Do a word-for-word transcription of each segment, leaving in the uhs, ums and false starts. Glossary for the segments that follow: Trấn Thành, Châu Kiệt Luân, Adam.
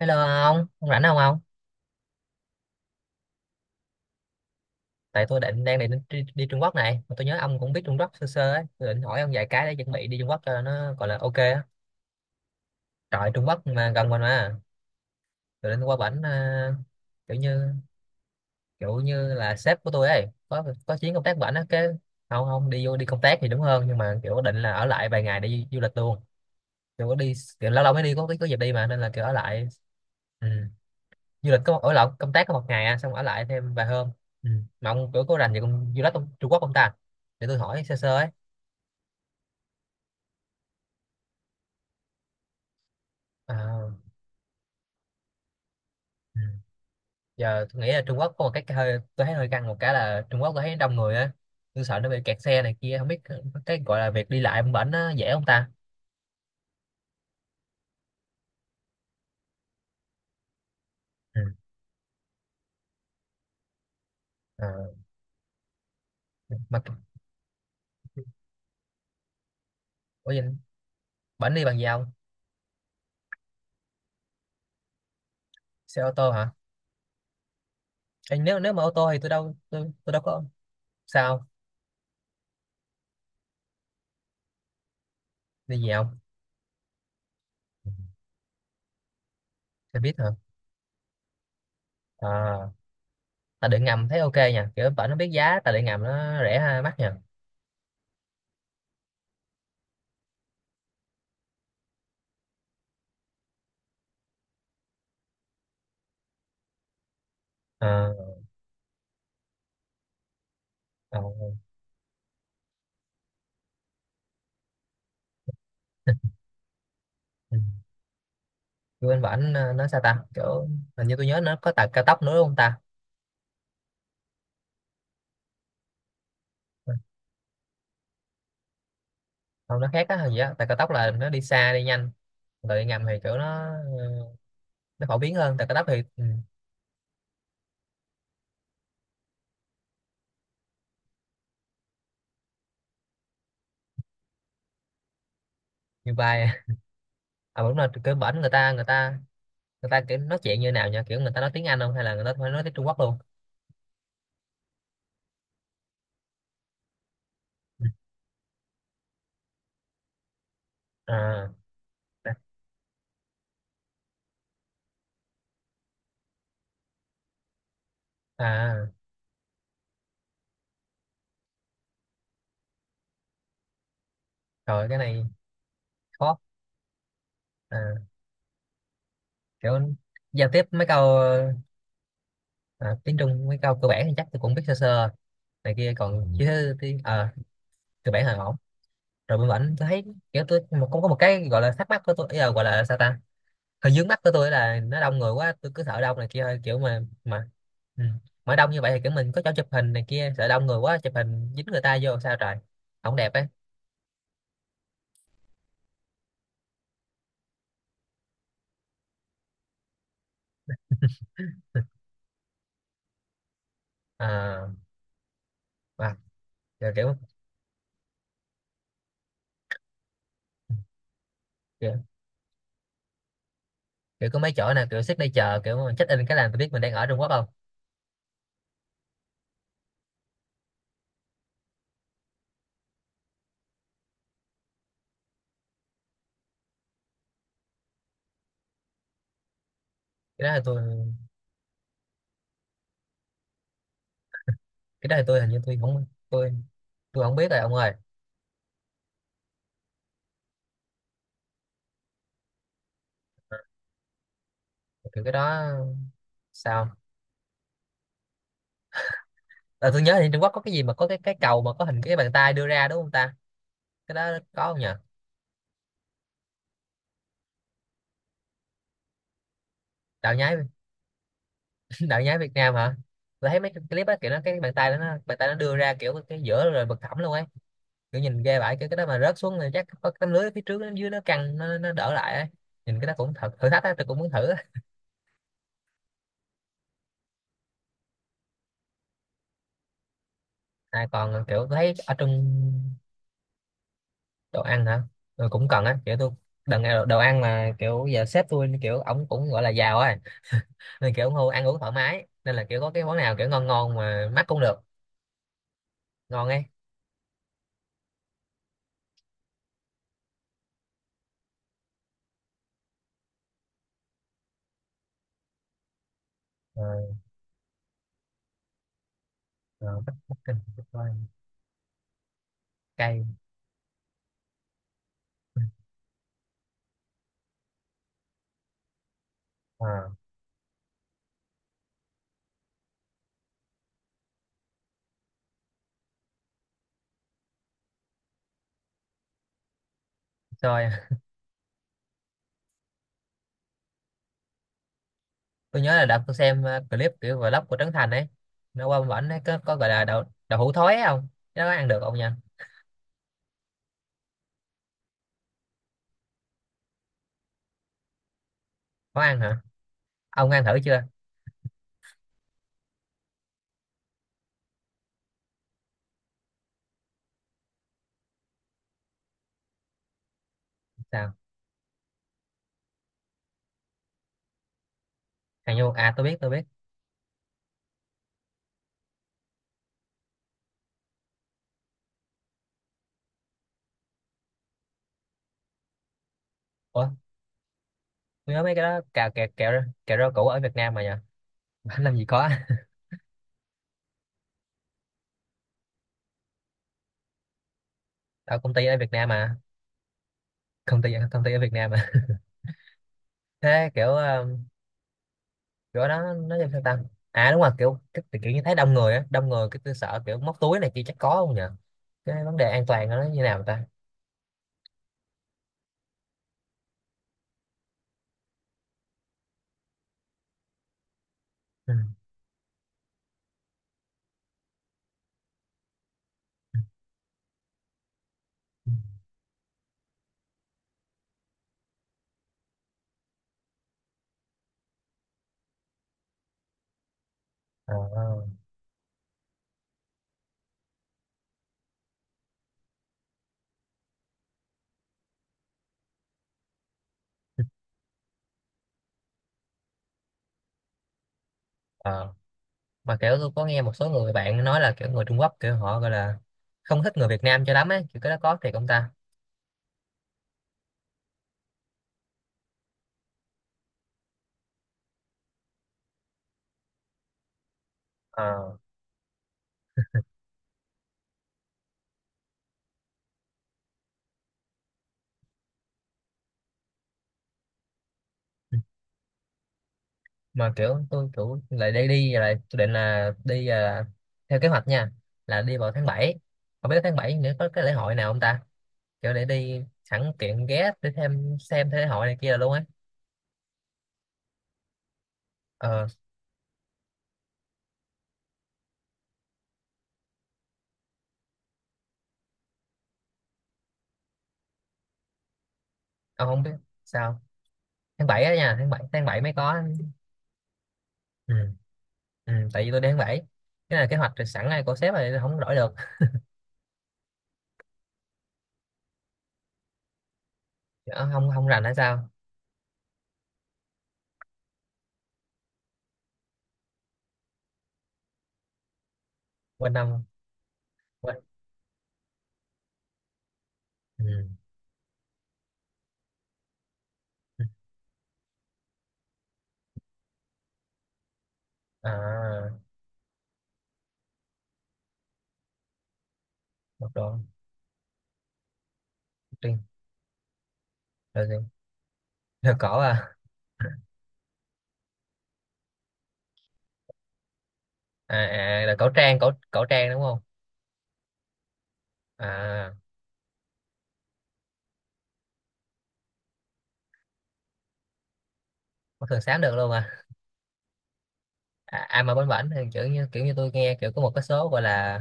Hello ông, ông rảnh không ông? Tại tôi định đang định đi, đi Trung Quốc này, mà tôi nhớ ông cũng biết Trung Quốc sơ sơ ấy, tôi định hỏi ông vài cái để chuẩn bị đi Trung Quốc cho nó gọi là ok á. Trời Trung Quốc mà gần mình mà, tôi định qua bển à, kiểu như kiểu như là sếp của tôi ấy, có có chuyến công tác bển á, cái không không đi vô đi công tác thì đúng hơn, nhưng mà kiểu định là ở lại vài ngày để du, du lịch luôn. Kiểu có đi kiểu lâu lâu mới đi có có dịp đi mà nên là kiểu ở lại. Ừ. Du lịch có ở lại công tác có một ngày à, xong ở lại thêm vài hôm ừ. Mà ông kiểu có rành về con du lịch ông, Trung Quốc không ta để tôi hỏi sơ sơ ấy à, ừ. Giờ tôi nghĩ là Trung Quốc có một cái hơi tôi thấy hơi căng một cái là Trung Quốc tôi thấy đông người á, tôi sợ nó bị kẹt xe này kia không biết cái gọi là việc đi lại ông bển nó dễ không ta ừ. À, mà ủa vậy bển đi bằng gì không, xe ô tô hả? Ê, nếu nếu mà ô tô thì tôi đâu tôi, tôi đâu có sao, đi gì không? Ừ, xe buýt hả? À, tài điện ngầm thấy ok nha, kiểu bển nó biết giá tài điện ngầm nó rẻ ha, mắc nha. Ờ, ờ, ừ. Bên bển ờ, nó sao ta, kiểu hình như tôi nhớ nó có tàu cao tốc nữa đúng không ta? Ừ, không nó khác á, hình gì á, tàu cao tốc là nó đi xa đi nhanh. Còn tàu điện ngầm thì kiểu nó ờ, nó phổ biến hơn tàu cao tốc thì ừ, như bay. À đúng rồi, kiểu bển người ta người ta người ta kiểu nói chuyện như nào nha, kiểu người ta nói tiếng Anh không hay là người ta phải nói tiếng Trung Quốc luôn? Ừ. À à à. Rồi cái này khó à, kiểu giao tiếp mấy câu à, tiếng Trung mấy câu cơ bản thì chắc tôi cũng biết sơ sơ này kia, còn chứ tiếng ờ, cơ bản là ổn. Rồi bên bển tôi thấy kiểu tôi một cũng có một cái gọi là thắc mắc của tôi, ý là gọi là sao ta, hơi vướng mắt của tôi là nó đông người quá, tôi cứ sợ đông này kia thôi kiểu mà mà ừ. Mà đông như vậy thì kiểu mình có chỗ chụp hình này kia, sợ đông người quá chụp hình dính người ta vô sao trời, không đẹp ấy. À, à, kiểu, kiểu kiểu kiểu có mấy chỗ nè kiểu xích đây chờ, kiểu mà check in cái là tôi biết mình đang ở Trung Quốc không. Cái đó thì tôi cái đó thì tôi hình như tôi không tôi tôi không biết rồi ông ơi, kiểu cái đó sao, là tôi nhớ thì Trung Quốc có cái gì mà có cái cái cầu mà có hình cái bàn tay đưa ra đúng không ta, cái đó có không nhỉ? Đạo nhái. Đạo nhái Việt Nam hả? Tôi thấy mấy cái clip á, kiểu nó cái bàn tay đó nó, bàn tay nó đưa ra kiểu cái giữa rồi bật thẳm luôn ấy, kiểu nhìn ghê vãi, kiểu cái đó mà rớt xuống thì chắc có cái tấm lưới phía trước nó, dưới nó căng nó, nó đỡ lại ấy. Nhìn cái đó cũng thật thử thách á, tôi cũng muốn thử á. À, còn kiểu tôi thấy ở trong, đồ ăn hả? Ừ, cũng cần á, kiểu tôi đừng, đồ ăn mà kiểu giờ sếp tôi kiểu ổng cũng gọi là giàu á, nên kiểu ông Hu ăn uống thoải mái, nên là kiểu có cái món nào kiểu ngon ngon mà mắc cũng được, ngon ấy. Ờ, ờ, mắc- mắc kinh, mắc coi. Cay. Ờ, rồi tôi nhớ là đợt tôi xem ờ, clip kiểu vlog của Trấn Thành ấy, nó qua bển ấy có, có gọi là đậu đậu hũ thối ấy không, cái đó có ăn được không nha? Có ăn hả? Ông ăn thử chưa? Sao, hàng vô à, tôi biết tôi biết. Ủa tôi nhớ mấy cái đó cà kẹo kẹo rau- kẹo rau củ ở Việt Nam mà nhờ. Làm gì có, ở công ty ở Việt Nam mà, công ty công ty ở Việt Nam mà. Thế kiểu ờ, kiểu đó nó như sao ta? À đúng rồi, kiểu cái, kiểu như thấy đông người á, đông người cái tôi sợ kiểu móc túi này kia chắc có không nhờ, cái vấn đề an toàn nó như nào ta? Ừ. Ừ. Ờ, ờ. Mà kiểu tôi có nghe một số người bạn nói là kiểu người Trung Quốc kiểu họ gọi là không thích người Việt Nam cho lắm ấy, kiểu cái đó có thiệt không ta? Ờ. Ừ. Mà kiểu tôi kiểu lại đi đi rồi lại tôi định là đi à, theo kế hoạch nha là đi vào tháng bảy, không biết tháng bảy nữa có cái lễ hội nào không ta, kiểu để đi sẵn tiện ghé để thêm xem thế lễ hội này kia là luôn ấy. Ờ, ông không biết sao? Tháng bảy á nha, tháng bảy tháng bảy mới có ừ. Ừ, tại vì tôi đi tháng bảy cái là kế hoạch rồi sẵn này của sếp rồi không đổi được. Ờ, không không rành hay sao, quên năm, quên ừ. À, một đoạn tiên rồi gì, rồi cổ à. À, à là cổ trang, cổ cổ trang đúng không à? Có thường sám được luôn à? À, ai mà bánh bảnh thì kiểu như kiểu như tôi nghe kiểu có một cái số gọi là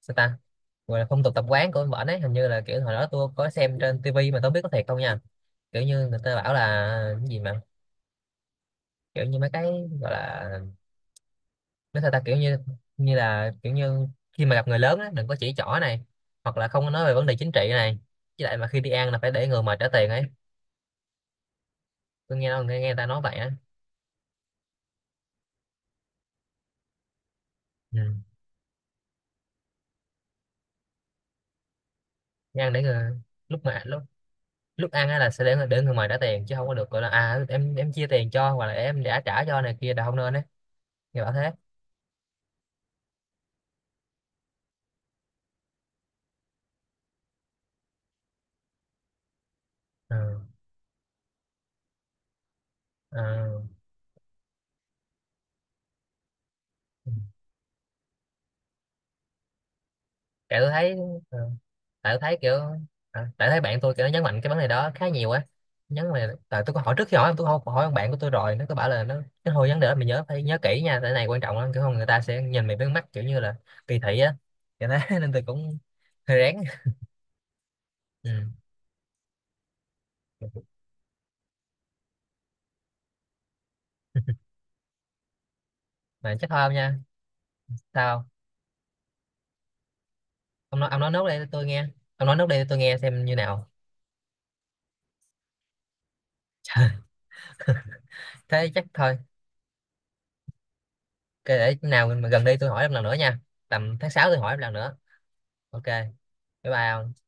sao ta, gọi là phong tục tập quán của bánh bảnh ấy, hình như là kiểu hồi đó tôi có xem trên tivi mà tôi không biết có thiệt không nha, kiểu như người ta bảo là cái gì mà kiểu như mấy cái gọi là nói sao ta, kiểu như, như là kiểu như khi mà gặp người lớn á đừng có chỉ trỏ này, hoặc là không có nói về vấn đề chính trị này, với lại mà khi đi ăn là phải để người mệt trả tiền ấy, tôi nghe nghe, nghe người ta nói vậy á ừ. Đi ăn để người, lúc mà lúc lúc ăn á là sẽ để để người mời trả tiền, chứ không có được gọi là à, em em chia tiền cho, hoặc là em đã trả cho này kia là không nên đấy, người bảo thế. Ừ. Ừ. Tại tôi thấy ừ. Tại tôi thấy kiểu à, tại thấy bạn tôi kiểu nó nhấn mạnh cái vấn đề đó khá nhiều á, nhấn mà tại tôi có hỏi, trước khi hỏi tôi không hỏi ông, bạn của tôi rồi nó có bảo là nó, cái hồi vấn đề đó mày nhớ phải nhớ kỹ nha, tại cái này quan trọng lắm, kiểu không người ta sẽ nhìn mày với mắt kiểu như là kỳ thị á, kiểu thế. Nên tôi cũng hơi rén ừ. Mà chắc thôi ông nha. Sao, ông nói ông nói nốt đây tôi nghe, ông nói nốt đây tôi nghe xem như nào. Trời, thế chắc thôi. Cái để nào mà gần đi tôi hỏi em lần nữa nha. Tầm tháng sáu tôi hỏi em lần nữa. Ok. Bye bye.